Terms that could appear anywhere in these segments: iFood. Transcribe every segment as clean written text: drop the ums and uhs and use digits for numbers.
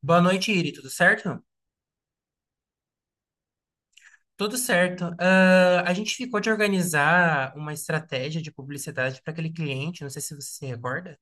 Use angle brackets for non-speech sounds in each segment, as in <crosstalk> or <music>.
Boa noite, Iri. Tudo certo? Tudo certo. A gente ficou de organizar uma estratégia de publicidade para aquele cliente, não sei se você se recorda.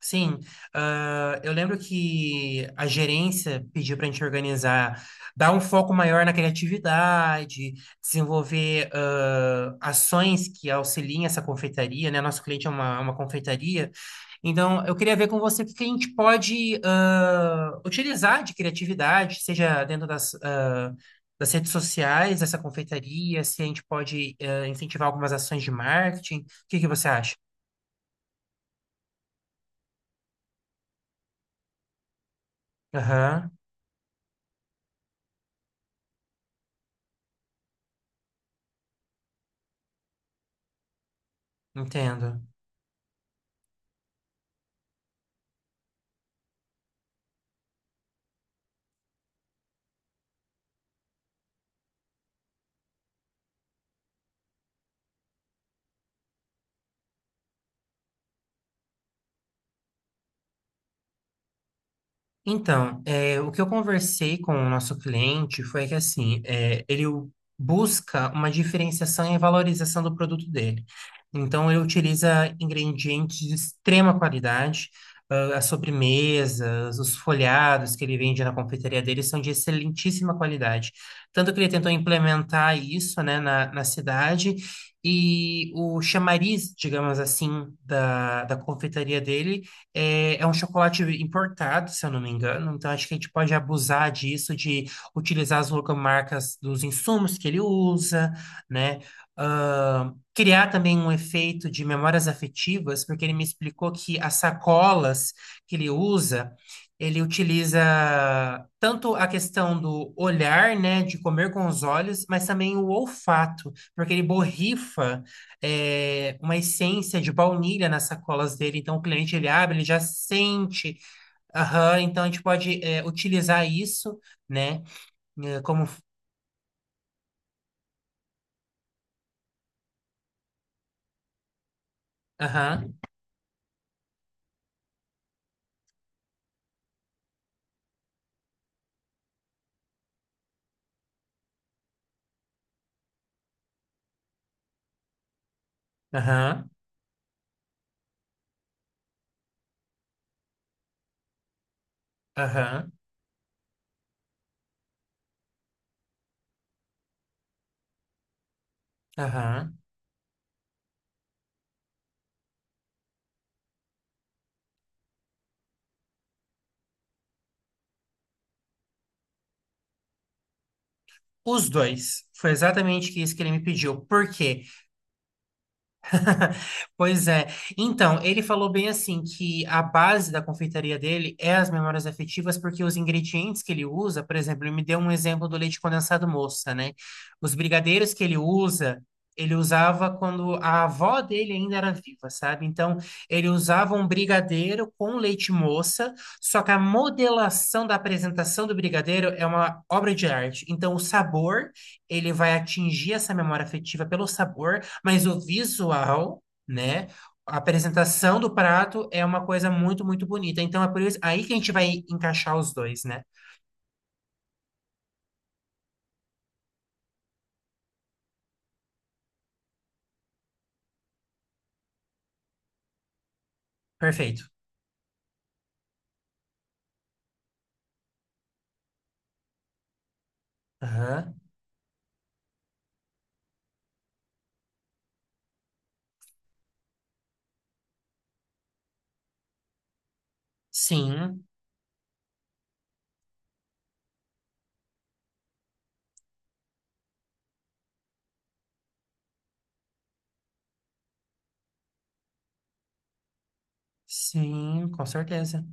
Sim, eu lembro que a gerência pediu para a gente organizar, dar um foco maior na criatividade, desenvolver ações que auxiliem essa confeitaria, né? Nosso cliente é uma confeitaria. Então, eu queria ver com você o que que a gente pode utilizar de criatividade, seja dentro das, das redes sociais, dessa confeitaria, se a gente pode incentivar algumas ações de marketing. O que que você acha? Aham, entendo. Então, é, o que eu conversei com o nosso cliente foi que, assim, é, busca uma diferenciação e valorização do produto dele. Então, ele utiliza ingredientes de extrema qualidade, as sobremesas, os folhados que ele vende na confeitaria dele são de excelentíssima qualidade. Tanto que ele tentou implementar isso, né, na cidade, e o chamariz, digamos assim, da confeitaria dele é, é um chocolate importado, se eu não me engano, então acho que a gente pode abusar disso, de utilizar as logomarcas dos insumos que ele usa, né? Ah, criar também um efeito de memórias afetivas, porque ele me explicou que as sacolas que ele usa, ele utiliza tanto a questão do olhar, né, de comer com os olhos, mas também o olfato, porque ele borrifa uma essência de baunilha nas sacolas dele. Então, o cliente ele abre, ele já sente. Aham, então a gente pode utilizar isso, né? Como. Aham, aham, aham, aham. Os dois. Foi exatamente isso que ele me pediu. Por quê? <laughs> Pois é. Então, ele falou bem assim que a base da confeitaria dele é as memórias afetivas, porque os ingredientes que ele usa, por exemplo, ele me deu um exemplo do leite condensado moça, né? Os brigadeiros que ele usa, ele usava quando a avó dele ainda era viva, sabe? Então, ele usava um brigadeiro com leite moça, só que a modelação da apresentação do brigadeiro é uma obra de arte. Então, o sabor, ele vai atingir essa memória afetiva pelo sabor. Mas o visual, né? A apresentação do prato é uma coisa muito, muito bonita. Então é por isso aí que a gente vai encaixar os dois, né? Perfeito. Aham. Sim, sim, com certeza.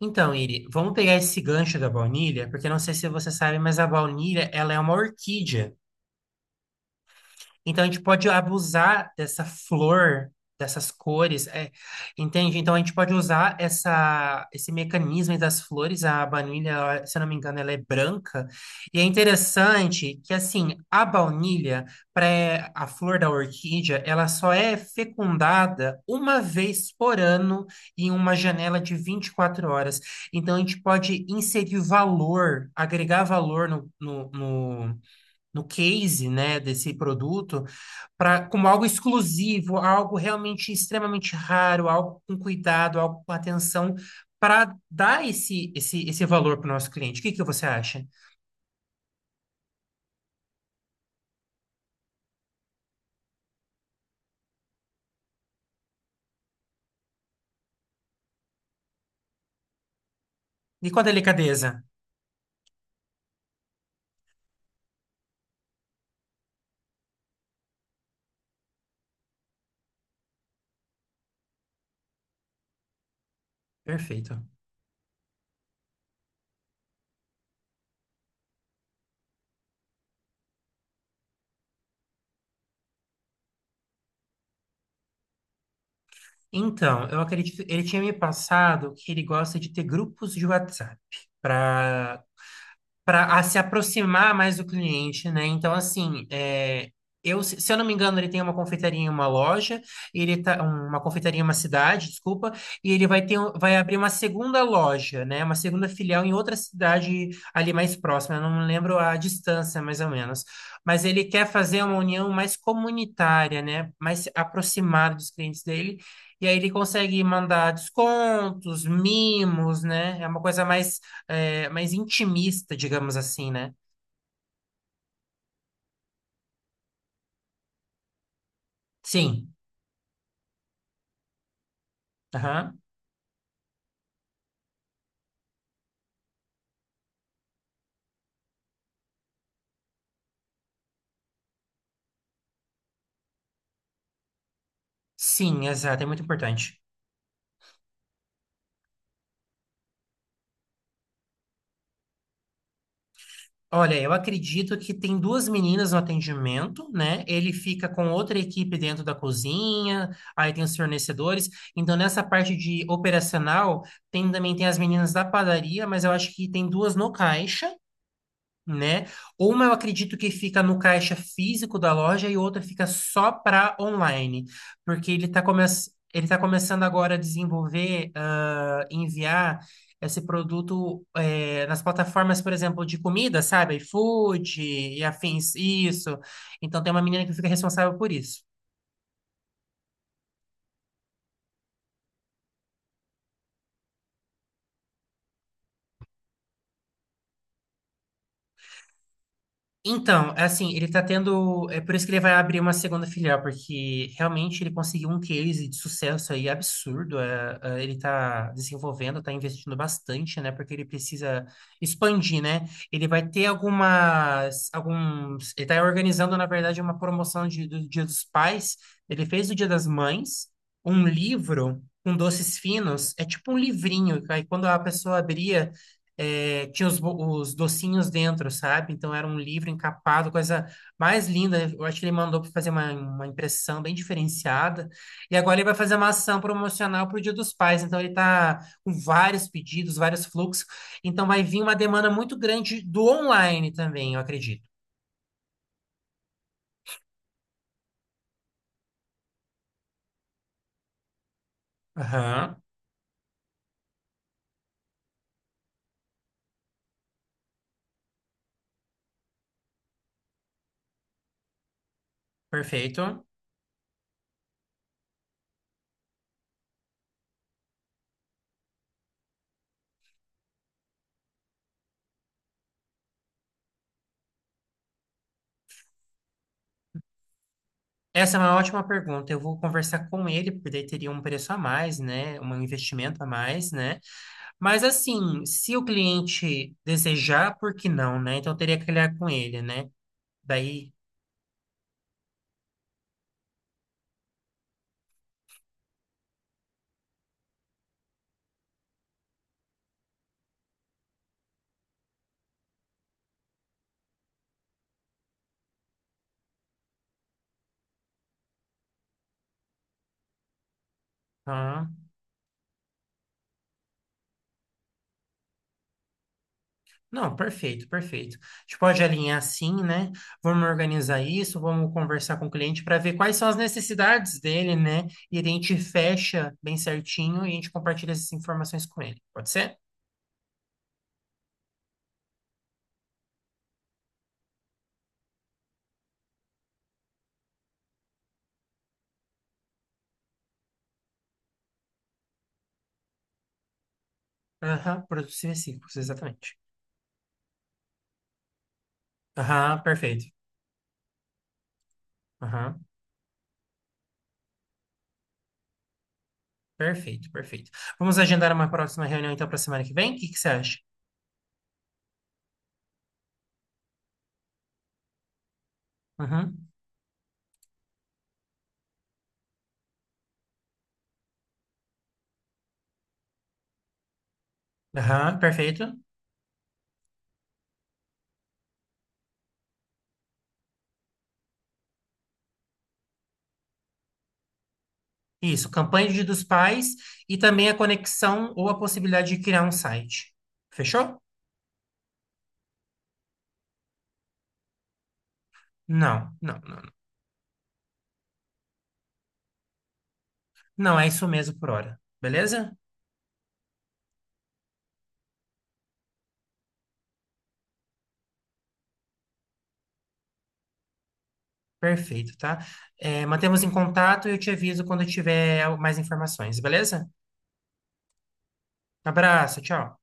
Então, Iri, vamos pegar esse gancho da baunilha, porque eu não sei se você sabe, mas a baunilha, ela é uma orquídea. Então a gente pode abusar dessa flor, dessas cores, é, entende? Então a gente pode usar essa, esse mecanismo das flores. A baunilha, ela, se eu não me engano, ela é branca. E é interessante que assim a flor da orquídea, ela só é fecundada uma vez por ano em uma janela de 24 horas. Então a gente pode inserir valor, agregar valor no case, né, desse produto, para como algo exclusivo, algo realmente extremamente raro, algo com cuidado, algo com atenção, para dar esse valor para o nosso cliente. O que que você acha? E com a delicadeza? Perfeito. Então, eu acredito, ele tinha me passado que ele gosta de ter grupos de WhatsApp para para se aproximar mais do cliente, né? Então, assim, é, eu, se eu não me engano, ele tem uma confeitaria em uma loja, ele tá, um, uma confeitaria em uma cidade, desculpa, e ele vai ter, um- vai abrir uma segunda loja, né? Uma segunda filial em outra cidade ali mais próxima. Eu não me lembro a distância, mais ou menos. Mas ele quer fazer uma união mais comunitária, né? Mais aproximada dos clientes dele. E aí ele consegue mandar descontos, mimos, né? É uma coisa mais mais intimista, digamos assim, né? Sim. Aham. Sim, exato, é muito importante. Olha, eu acredito que tem duas meninas no atendimento, né? Ele fica com outra equipe dentro da cozinha, aí tem os fornecedores. Então, nessa parte de operacional, também tem as meninas da padaria, mas eu acho que tem duas no caixa, né? Uma eu acredito que fica no caixa físico da loja e outra fica só para online, porque ele tá começando agora a desenvolver, enviar esse produto nas plataformas, por exemplo, de comida, sabe? iFood e afins, isso. Então tem uma menina que fica responsável por isso. Então, é assim, ele tá tendo. É por isso que ele vai abrir uma segunda filial, porque realmente ele conseguiu um case de sucesso aí absurdo. É, é, ele tá desenvolvendo, tá investindo bastante, né? Porque ele precisa expandir, né? Ele vai ter algumas, alguns. Ele tá organizando, na verdade, uma promoção do Dia dos Pais. Ele fez o Dia das Mães, um livro com doces finos. É tipo um livrinho, aí quando a pessoa abria. É, tinha os docinhos dentro, sabe? Então era um livro encapado, coisa mais linda. Eu acho que ele mandou para fazer uma impressão bem diferenciada. E agora ele vai fazer uma ação promocional para o Dia dos Pais. Então ele está com vários pedidos, vários fluxos. Então vai vir uma demanda muito grande do online também, eu acredito. Aham, perfeito. Essa é uma ótima pergunta. Eu vou conversar com ele, porque daí teria um preço a mais, né? Um investimento a mais, né? Mas assim, se o cliente desejar, por que não, né? Então eu teria que olhar com ele, né? Daí, ah, não, perfeito, perfeito. A gente pode alinhar assim, né? Vamos organizar isso, vamos conversar com o cliente para ver quais são as necessidades dele, né? E a gente fecha bem certinho e a gente compartilha essas informações com ele. Pode ser? Aham, produtos e reciclos, exatamente. Aham, perfeito. Aham, perfeito, perfeito. Vamos agendar uma próxima reunião então para semana que vem? O que que você acha? Uhum. Aham, perfeito. Isso, campanha de dos pais e também a conexão ou a possibilidade de criar um site. Fechou? Não, não, não. Não, não, é isso mesmo por hora. Beleza? Perfeito, tá? É, mantemos em contato e eu te aviso quando eu tiver mais informações, beleza? Abraço, tchau.